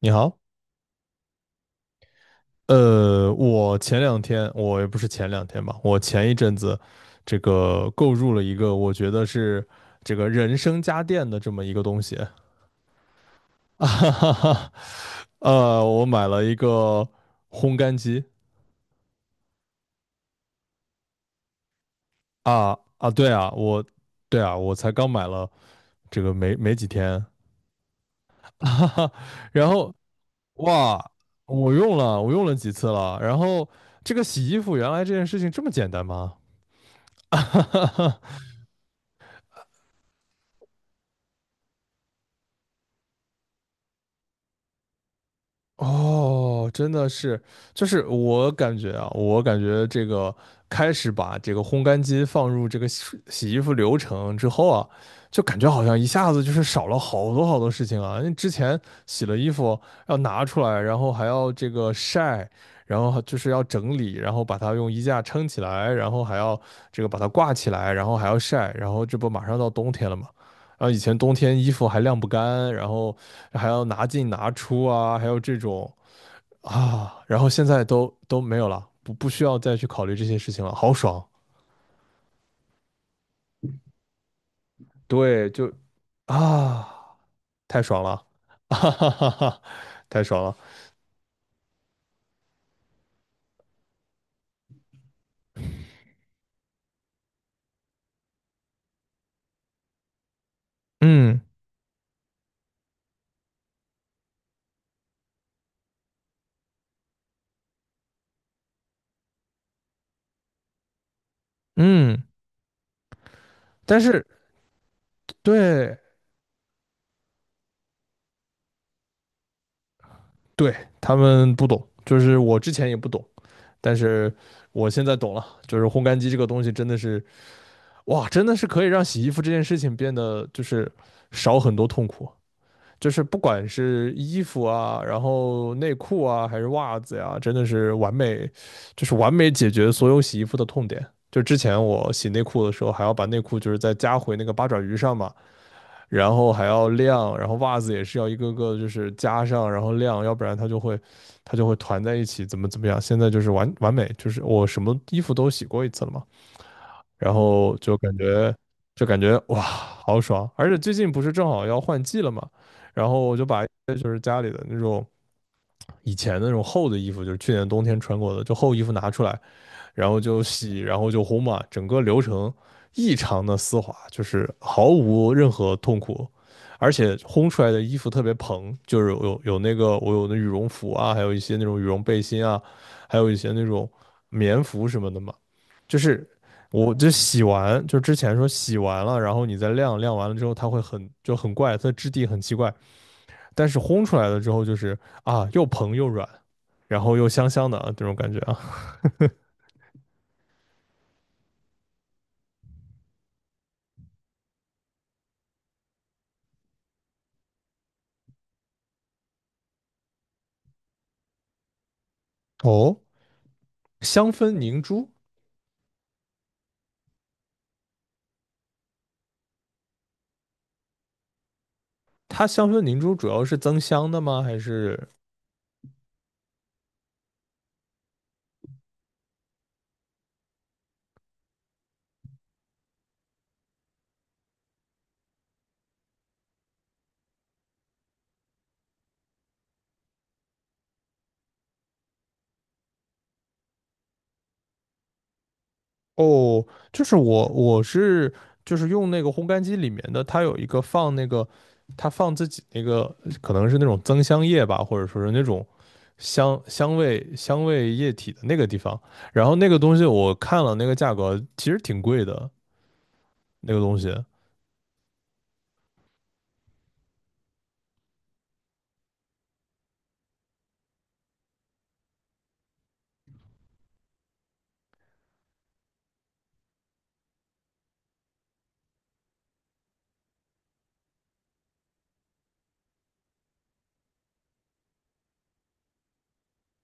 你好，我前两天，我也不是前两天吧，我前一阵子，这个购入了一个我觉得是这个人生家电的这么一个东西，啊哈哈哈，我买了一个烘干机。啊啊，对啊，我才刚买了这个没几天，哈哈，然后哇，我用了几次了，然后这个洗衣服原来这件事情这么简单吗？哦，真的是，就是我感觉啊，我感觉这个开始把这个烘干机放入这个洗衣服流程之后啊，就感觉好像一下子就是少了好多好多事情啊。因为之前洗了衣服要拿出来，然后还要这个晒，然后还就是要整理，然后把它用衣架撑起来，然后还要这个把它挂起来，然后还要晒，然后这不马上到冬天了嘛。然后以前冬天衣服还晾不干，然后还要拿进拿出啊，还有这种啊，然后现在都没有了，不需要再去考虑这些事情了，好爽，对，就啊，太爽了，哈哈哈哈，太爽了，嗯嗯，但是对对，他们不懂，就是我之前也不懂，但是我现在懂了，就是烘干机这个东西真的是哇，真的是可以让洗衣服这件事情变得就是少很多痛苦。就是不管是衣服啊，然后内裤啊，还是袜子呀、啊真的是完美，就是完美解决所有洗衣服的痛点。就之前我洗内裤的时候，还要把内裤就是再加回那个八爪鱼上嘛，然后还要晾，然后袜子也是要一个个就是加上，然后晾，要不然它就会它就会团在一起，怎么样。现在就是完完美，就是我什么衣服都洗过一次了嘛。然后就感觉哇，好爽！而且最近不是正好要换季了嘛，然后我就把就是家里的那种以前的那种厚的衣服，就是去年冬天穿过的，就厚衣服拿出来，然后就洗，然后就烘嘛，整个流程异常的丝滑，就是毫无任何痛苦，而且烘出来的衣服特别蓬，就是有那个我有的羽绒服啊，还有一些那种羽绒背心啊，还有一些那种棉服什么的嘛，就是我就洗完，就之前说洗完了，然后你再晾，晾完了之后它会很就很怪，它的质地很奇怪，但是烘出来了之后就是啊又蓬又软，然后又香香的啊这种感觉啊。哦。香氛凝珠，它香氛凝珠主要是增香的吗？还是哦，就是我是就是用那个烘干机里面的，它有一个放那个，它放自己那个可能是那种增香液吧，或者说是那种香味液体的那个地方。然后那个东西我看了那个价格，其实挺贵的，那个东西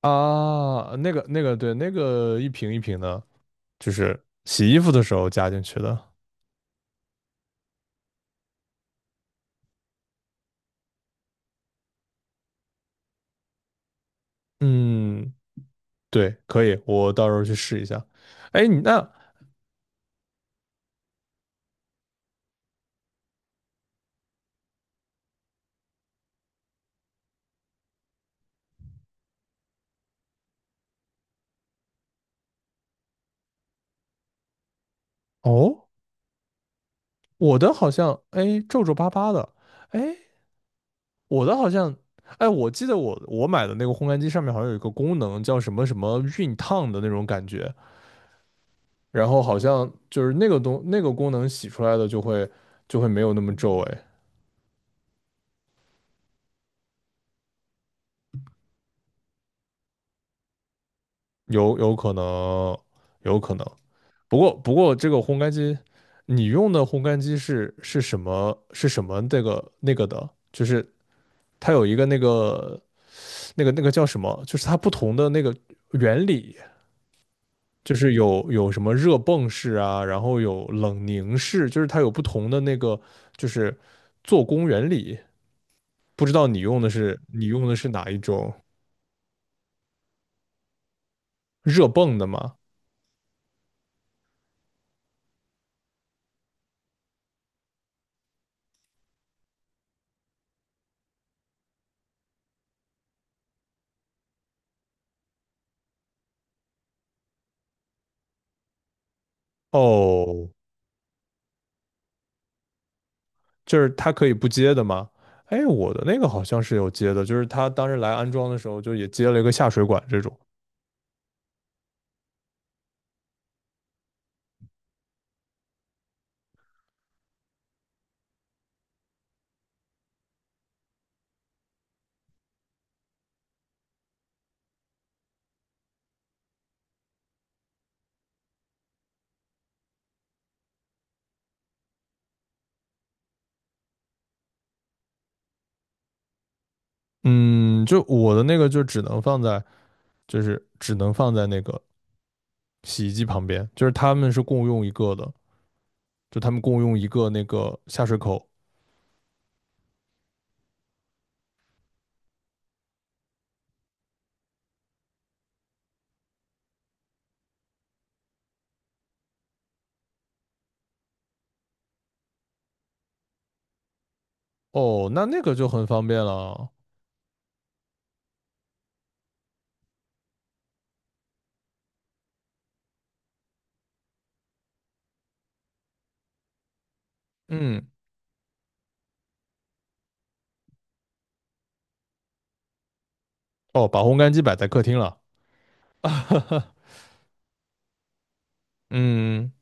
啊，那个那个对，那个一瓶一瓶的，就是洗衣服的时候加进去的。嗯，对，可以，我到时候去试一下。哎，你那哦，我的好像哎皱皱巴巴的，哎，我的好像哎，我记得我买的那个烘干机上面好像有一个功能叫什么什么熨烫的那种感觉，然后好像就是那个东那个功能洗出来的就会没有那么皱，哎，有有可能，有可能。不过这个烘干机，你用的烘干机是是什么是什么这个那个的，就是它有一个那个。那个那个叫什么？就是它不同的那个原理，就是有什么热泵式啊，然后有冷凝式，就是它有不同的那个就是做工原理。不知道你用的是哪一种热泵的吗？哦，就是它可以不接的吗？哎，我的那个好像是有接的，就是他当时来安装的时候就也接了一个下水管这种。嗯，就我的那个就只能放在，就是只能放在那个洗衣机旁边，就是他们是共用一个的。就他们共用一个那个下水口。哦，那那个就很方便了。嗯，哦，把烘干机摆在客厅了。嗯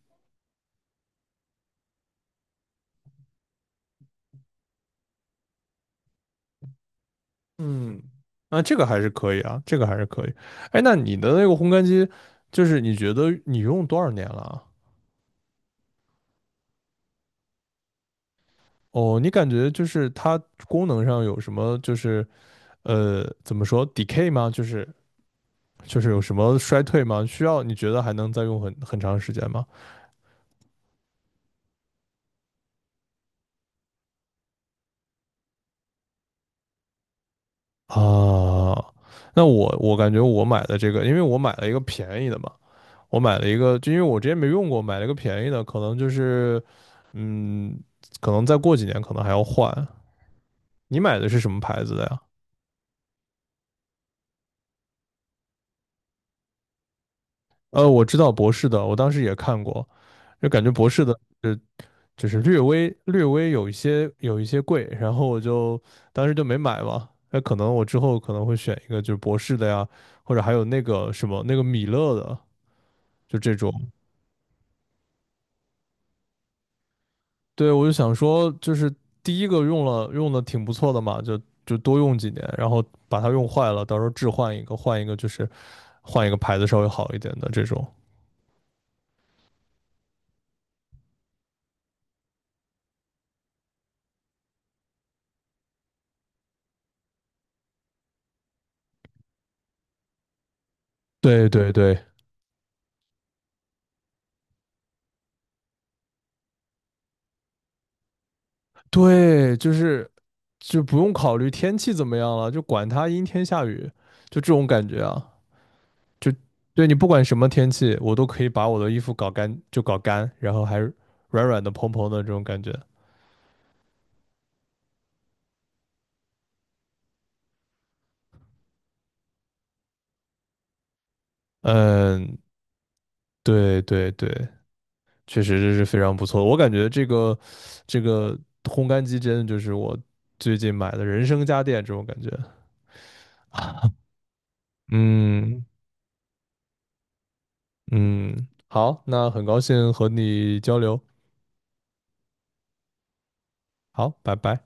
嗯，那这个还是可以啊，这个还是可以。哎，那你的那个烘干机，就是你觉得你用多少年了啊？哦，你感觉就是它功能上有什么，就是怎么说 decay 吗？就是就是有什么衰退吗？需要你觉得还能再用很很长时间吗？啊，那我感觉我买的这个，因为我买了一个便宜的嘛，我买了一个，就因为我之前没用过，买了一个便宜的，可能就是，嗯，可能再过几年可能还要换。你买的是什么牌子的呀？我知道博士的，我当时也看过，就感觉博士的，就是略微有一些贵，然后我就当时就没买嘛。那可能我之后可能会选一个就是博士的呀，或者还有那个什么那个米勒的，就这种。对，我就想说，就是第一个用的挺不错的嘛，就多用几年，然后把它用坏了，到时候置换一个，换一个就是换一个牌子稍微好一点的这种。对对对对，就是就不用考虑天气怎么样了，就管它阴天下雨，就这种感觉啊，就对你不管什么天气，我都可以把我的衣服搞干，就搞干，然后还软软的、蓬蓬的这种感觉。嗯，对对对，确实这是非常不错的我感觉这个这个烘干机真的就是我最近买的人生家电这种感觉。嗯嗯，好，那很高兴和你交流，好，拜拜。